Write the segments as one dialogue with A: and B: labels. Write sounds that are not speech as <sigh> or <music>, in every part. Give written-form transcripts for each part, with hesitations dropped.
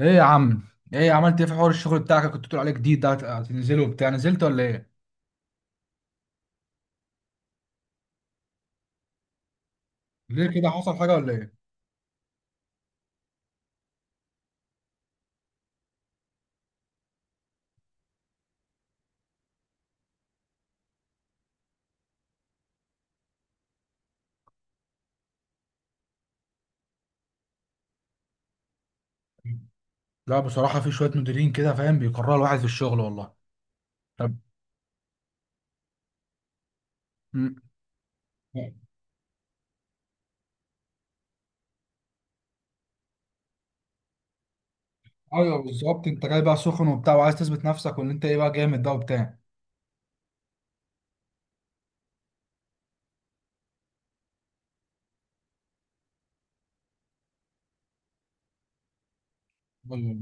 A: ايه يا عم، ايه عملت ايه في حوار الشغل بتاعك؟ كنت بتقول عليه جديد ده، هتنزله وبتاع؟ نزلت ولا ايه؟ ليه كده، حصل حاجه ولا ايه؟ لا بصراحه في شويه مديرين كده فاهم، بيكرهوا الواحد في الشغل والله. طب م- ايوه بالظبط، انت جاي بقى سخن وبتاع، وعايز تثبت نفسك وان انت ايه بقى، جامد ده وبتاع. أيوة،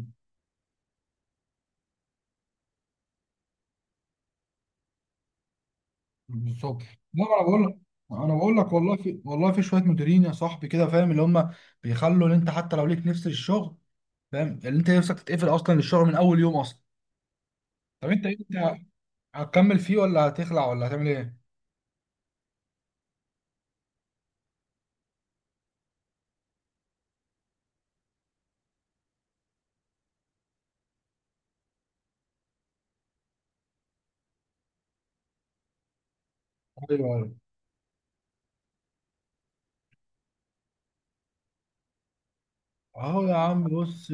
A: بالظبط. لا ما انا بقول لك، والله في شويه مديرين يا صاحبي كده فاهم، اللي هم بيخلوا ان انت حتى لو ليك نفس الشغل، فاهم، اللي انت نفسك تتقفل اصلا للشغل من اول يوم اصلا. طب انت ايه، انت هتكمل فيه ولا هتخلع ولا هتعمل ايه؟ ايوه ايوه، اهو يا عم بص،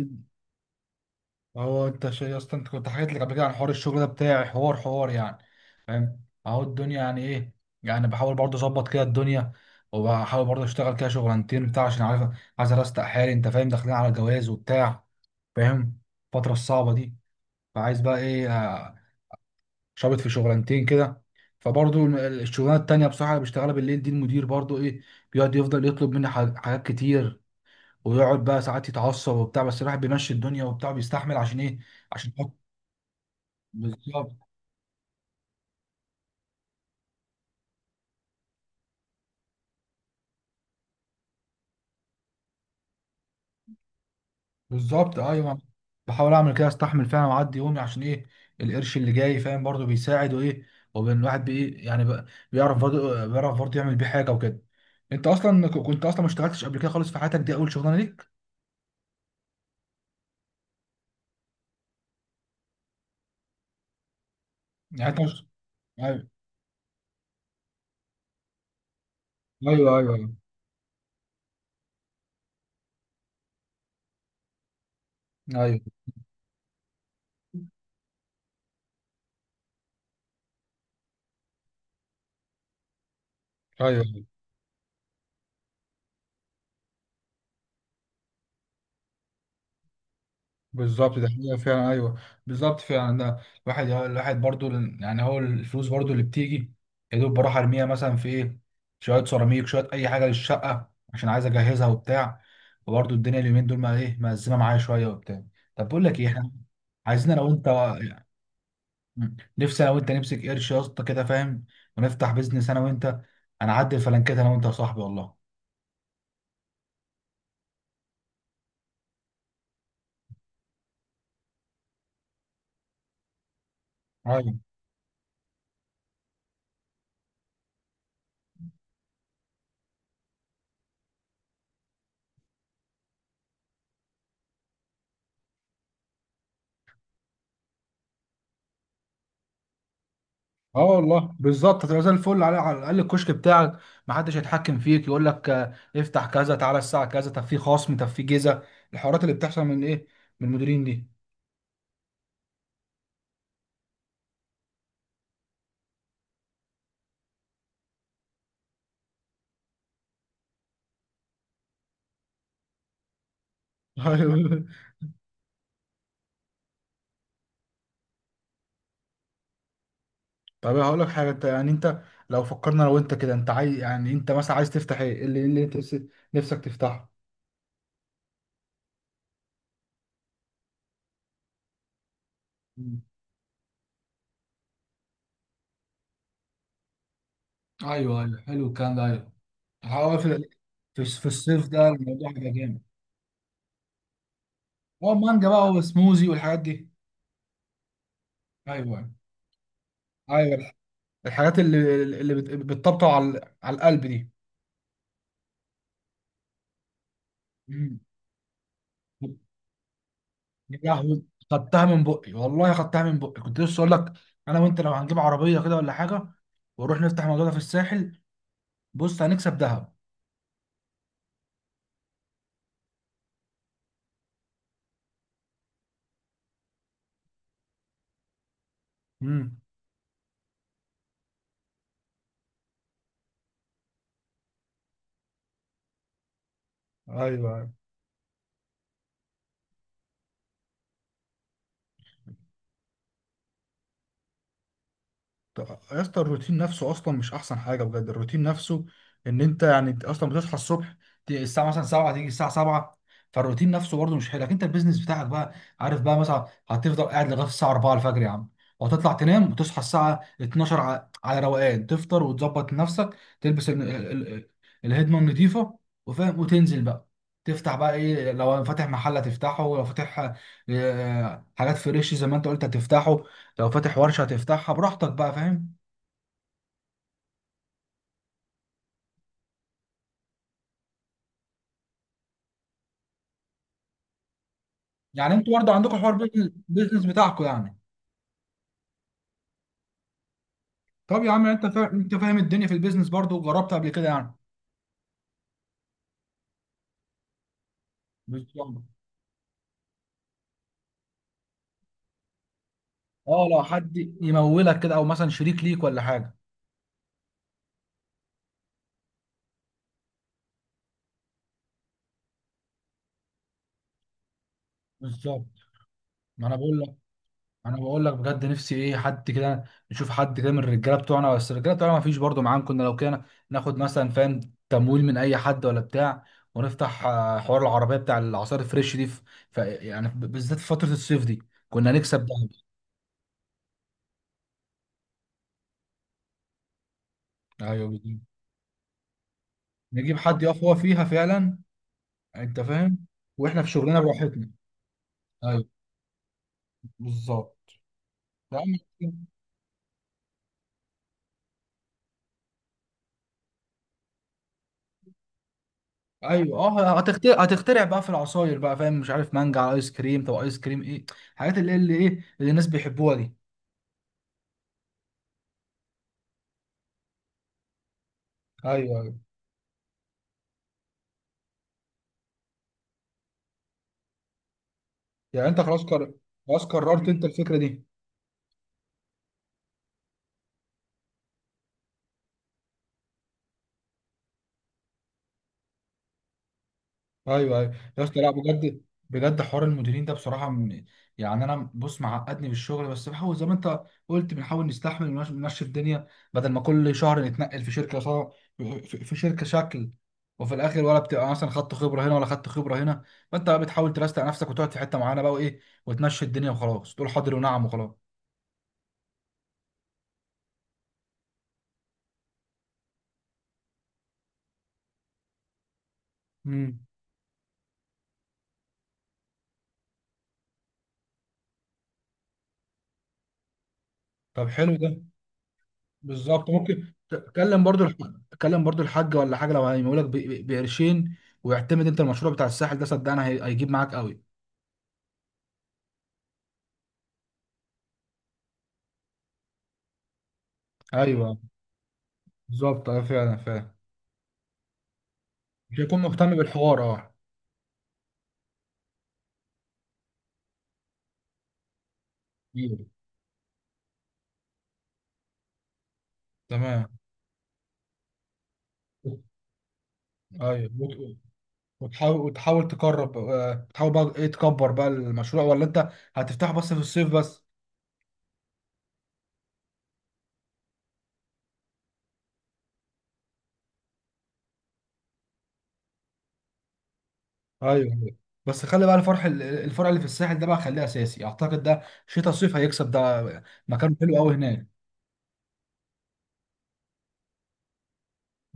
A: اهو انت يا اسطى انت كنت حكيت لك قبل كده عن حوار الشغل ده بتاعي، حوار يعني فاهم، اهو الدنيا يعني ايه، يعني بحاول برضه اظبط كده الدنيا، وبحاول برضه اشتغل كده شغلانتين بتاع عشان عارف عايز ارستق حالي، انت فاهم، داخلين على جواز وبتاع فاهم، الفترة الصعبة دي. فعايز بقى ايه، شابط في شغلانتين كده. فبرضه الشغلانه التانية بصراحة اللي بشتغلها بالليل دي، المدير برضه ايه، بيقعد يفضل يطلب مني حاجات كتير، ويقعد بقى ساعات يتعصب وبتاع، بس الواحد بيمشي الدنيا وبتاع، بيستحمل عشان ايه، عشان يحط. بالظبط. بالظبط ايوه، بحاول اعمل كده استحمل فعلا واعدي يومي، عشان ايه، القرش اللي جاي فاهم، برضه بيساعد وايه، وبين الواحد بايه يعني بقى، بيعرف برضه يعمل بيه حاجه وكده. انت اصلا كنت اصلا ما اشتغلتش قبل كده خالص، في حياتك دي اول شغلانه ليك؟ يعني انت مش... ايوه ايوه ايوه ايوه ايوه. بالظبط ده حقيقة فعلا، ايوه. بالظبط فعلا ده. الواحد برضو يعني هو الفلوس برضو اللي بتيجي يا دوب، بروح ارميها مثلا في ايه، شويه سيراميك، شويه اي حاجه للشقه عشان عايز اجهزها وبتاع. وبرضو الدنيا اليومين دول ما ايه، مأزمه معايا شويه وبتاع. طب بقول لك ايه، احنا عايزين انا وانت، نفسي انا وانت نمسك قرش يا اسطى كده فاهم، ونفتح بيزنس انا وانت، انا اعدي الفلانكات انا وانت يا صاحبي والله. اه والله بالظبط، هتبقى زي الفل، على الاقل الكشك بتاعك ما حدش هيتحكم فيك يقول لك افتح كذا، تعالى الساعه كذا، طب في خصم، طب في جيزه، الحوارات اللي بتحصل من ايه، من المديرين دي. <laughs> طب هقول لك حاجه، انت يعني انت لو فكرنا، لو انت كده انت عايز، يعني انت مثلا عايز تفتح ايه، إيه اللي انت نفسك تفتحه. مم. ايوه ايوه، حلو الكلام ده، ايوه. هو في الصيف ده الموضوع هيبقى جامد، هو مانجا بقى وسموزي والحاجات دي. ايوه ايوه أيوه، الحاجات اللي بتطبطب على القلب دي. مم. يا لهوي، خدتها من بقي والله، خدتها من بقي، كنت لسه اقول لك انا وانت لو هنجيب عربيه كده ولا حاجه، ونروح نفتح موضوع ده في الساحل، بص هنكسب ذهب. امم ايوه. طب يا اسطى الروتين نفسه اصلا مش احسن حاجه، بجد الروتين نفسه، ان انت يعني اصلا بتصحى الصبح، الساعه مثلا 7، تيجي الساعه 7، فالروتين نفسه برضه مش حلو. لكن انت البيزنس بتاعك بقى، عارف بقى مثلا هتفضل قاعد لغايه الساعه 4 الفجر يا عم، وهتطلع تنام وتصحى الساعه 12 على روقان، تفطر وتظبط نفسك تلبس الهدمه النظيفه، وفاهم وتنزل بقى، تفتح بقى ايه، لو فاتح محل هتفتحه، ولو فاتح حاجات فريش زي ما انت قلت هتفتحه، لو فاتح ورشه هتفتحها براحتك بقى فاهم. يعني انتوا برضه عندكم حوار بيزنس بيزنس بتاعكم يعني. طب يا عم انت انت فاهم الدنيا في البيزنس برضه، وجربت قبل كده يعني. بالظبط. اه لو حد يمولك كده، او مثلا شريك ليك ولا حاجه. بالظبط ما انا بقول لك بجد، نفسي ايه، حد كده نشوف، حد كده من الرجاله بتوعنا، بس الرجاله بتوعنا ما فيش برضه معاهم، كنا لو كده ناخد مثلا فاهم تمويل من اي حد ولا بتاع، ونفتح حوار العربيه بتاع العصائر الفريش دي يعني بالذات في فتره الصيف دي كنا نكسب ده. ايوه بالظبط. نجيب حد يقف فيها فعلا، انت فاهم، واحنا في شغلنا براحتنا. ايوه بالظبط. يا عم، ايوه. اه، هتخترع هتخترع بقى في العصاير بقى فاهم، مش عارف مانجا على ايس كريم، طب ايس كريم ايه، الحاجات اللي. ايوه ايوه يا اسطى، لا بجد، بجد حوار المديرين ده بصراحه يعني انا بص معقدني في الشغل، بس بحاول زي ما انت قلت، بنحاول نستحمل ونمشي الدنيا، بدل ما كل شهر نتنقل في شركه، صار في شركه شكل، وفي الاخر ولا بتبقى مثلا خدت خبره هنا، ولا خدت خبره هنا. فانت بقى بتحاول ترستق نفسك وتقعد في حته معينه بقى وايه، وتمشي الدنيا وخلاص، تقول حاضر ونعم وخلاص. امم. طب حلو ده، بالظبط. ممكن تكلم برضو تكلم برضو الحاج ولا حاجه، لو هيمولك بقرشين، ويعتمد، انت المشروع بتاع الساحل ده صدقني هيجيب معاك قوي. ايوه بالظبط. اه فعلا فعلا. مش هيكون مهتم بالحوار، اه. ايوه تمام. ايوه وتحاول تقرب، تحاول بقى ايه تكبر بقى المشروع، ولا انت هتفتحه بس في الصيف بس؟ ايوه. بس خلي بقى الفرع اللي في الساحل ده بقى، خليه اساسي، اعتقد ده شتاء صيف هيكسب، ده مكان حلو قوي هناك.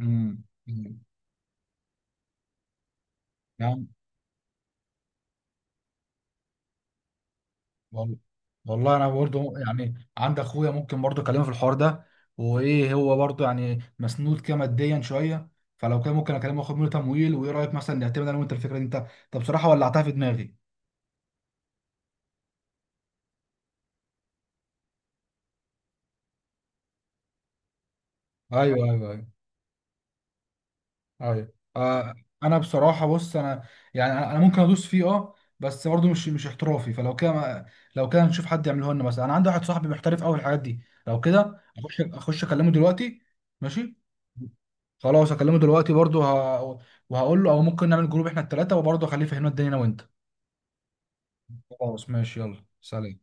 A: امم وال- والله انا برضه يعني عند اخويا، ممكن برضه اكلمه في الحوار ده وايه، هو برضه يعني مسنود كده ماديا شويه، فلو كان ممكن اكلمه واخد منه تمويل، وايه رايك مثلا نعتمد انا وانت الفكره دي؟ انت طب بصراحه ولعتها في دماغي. ايوه ايوه ايوه آه. انا بصراحه بص، انا يعني انا ممكن ادوس فيه اه، بس برضه مش احترافي، فلو كده لو كده نشوف حد يعمله لنا مثلا، انا عندي واحد صاحبي محترف قوي في الحاجات دي، لو كده اخش اكلمه دلوقتي. ماشي. خلاص اكلمه دلوقتي برضه وهقول له او ممكن نعمل جروب احنا الثلاثه، وبرضه اخليه يفهمنا الدنيا انا وانت. خلاص ماشي، يلا سلام.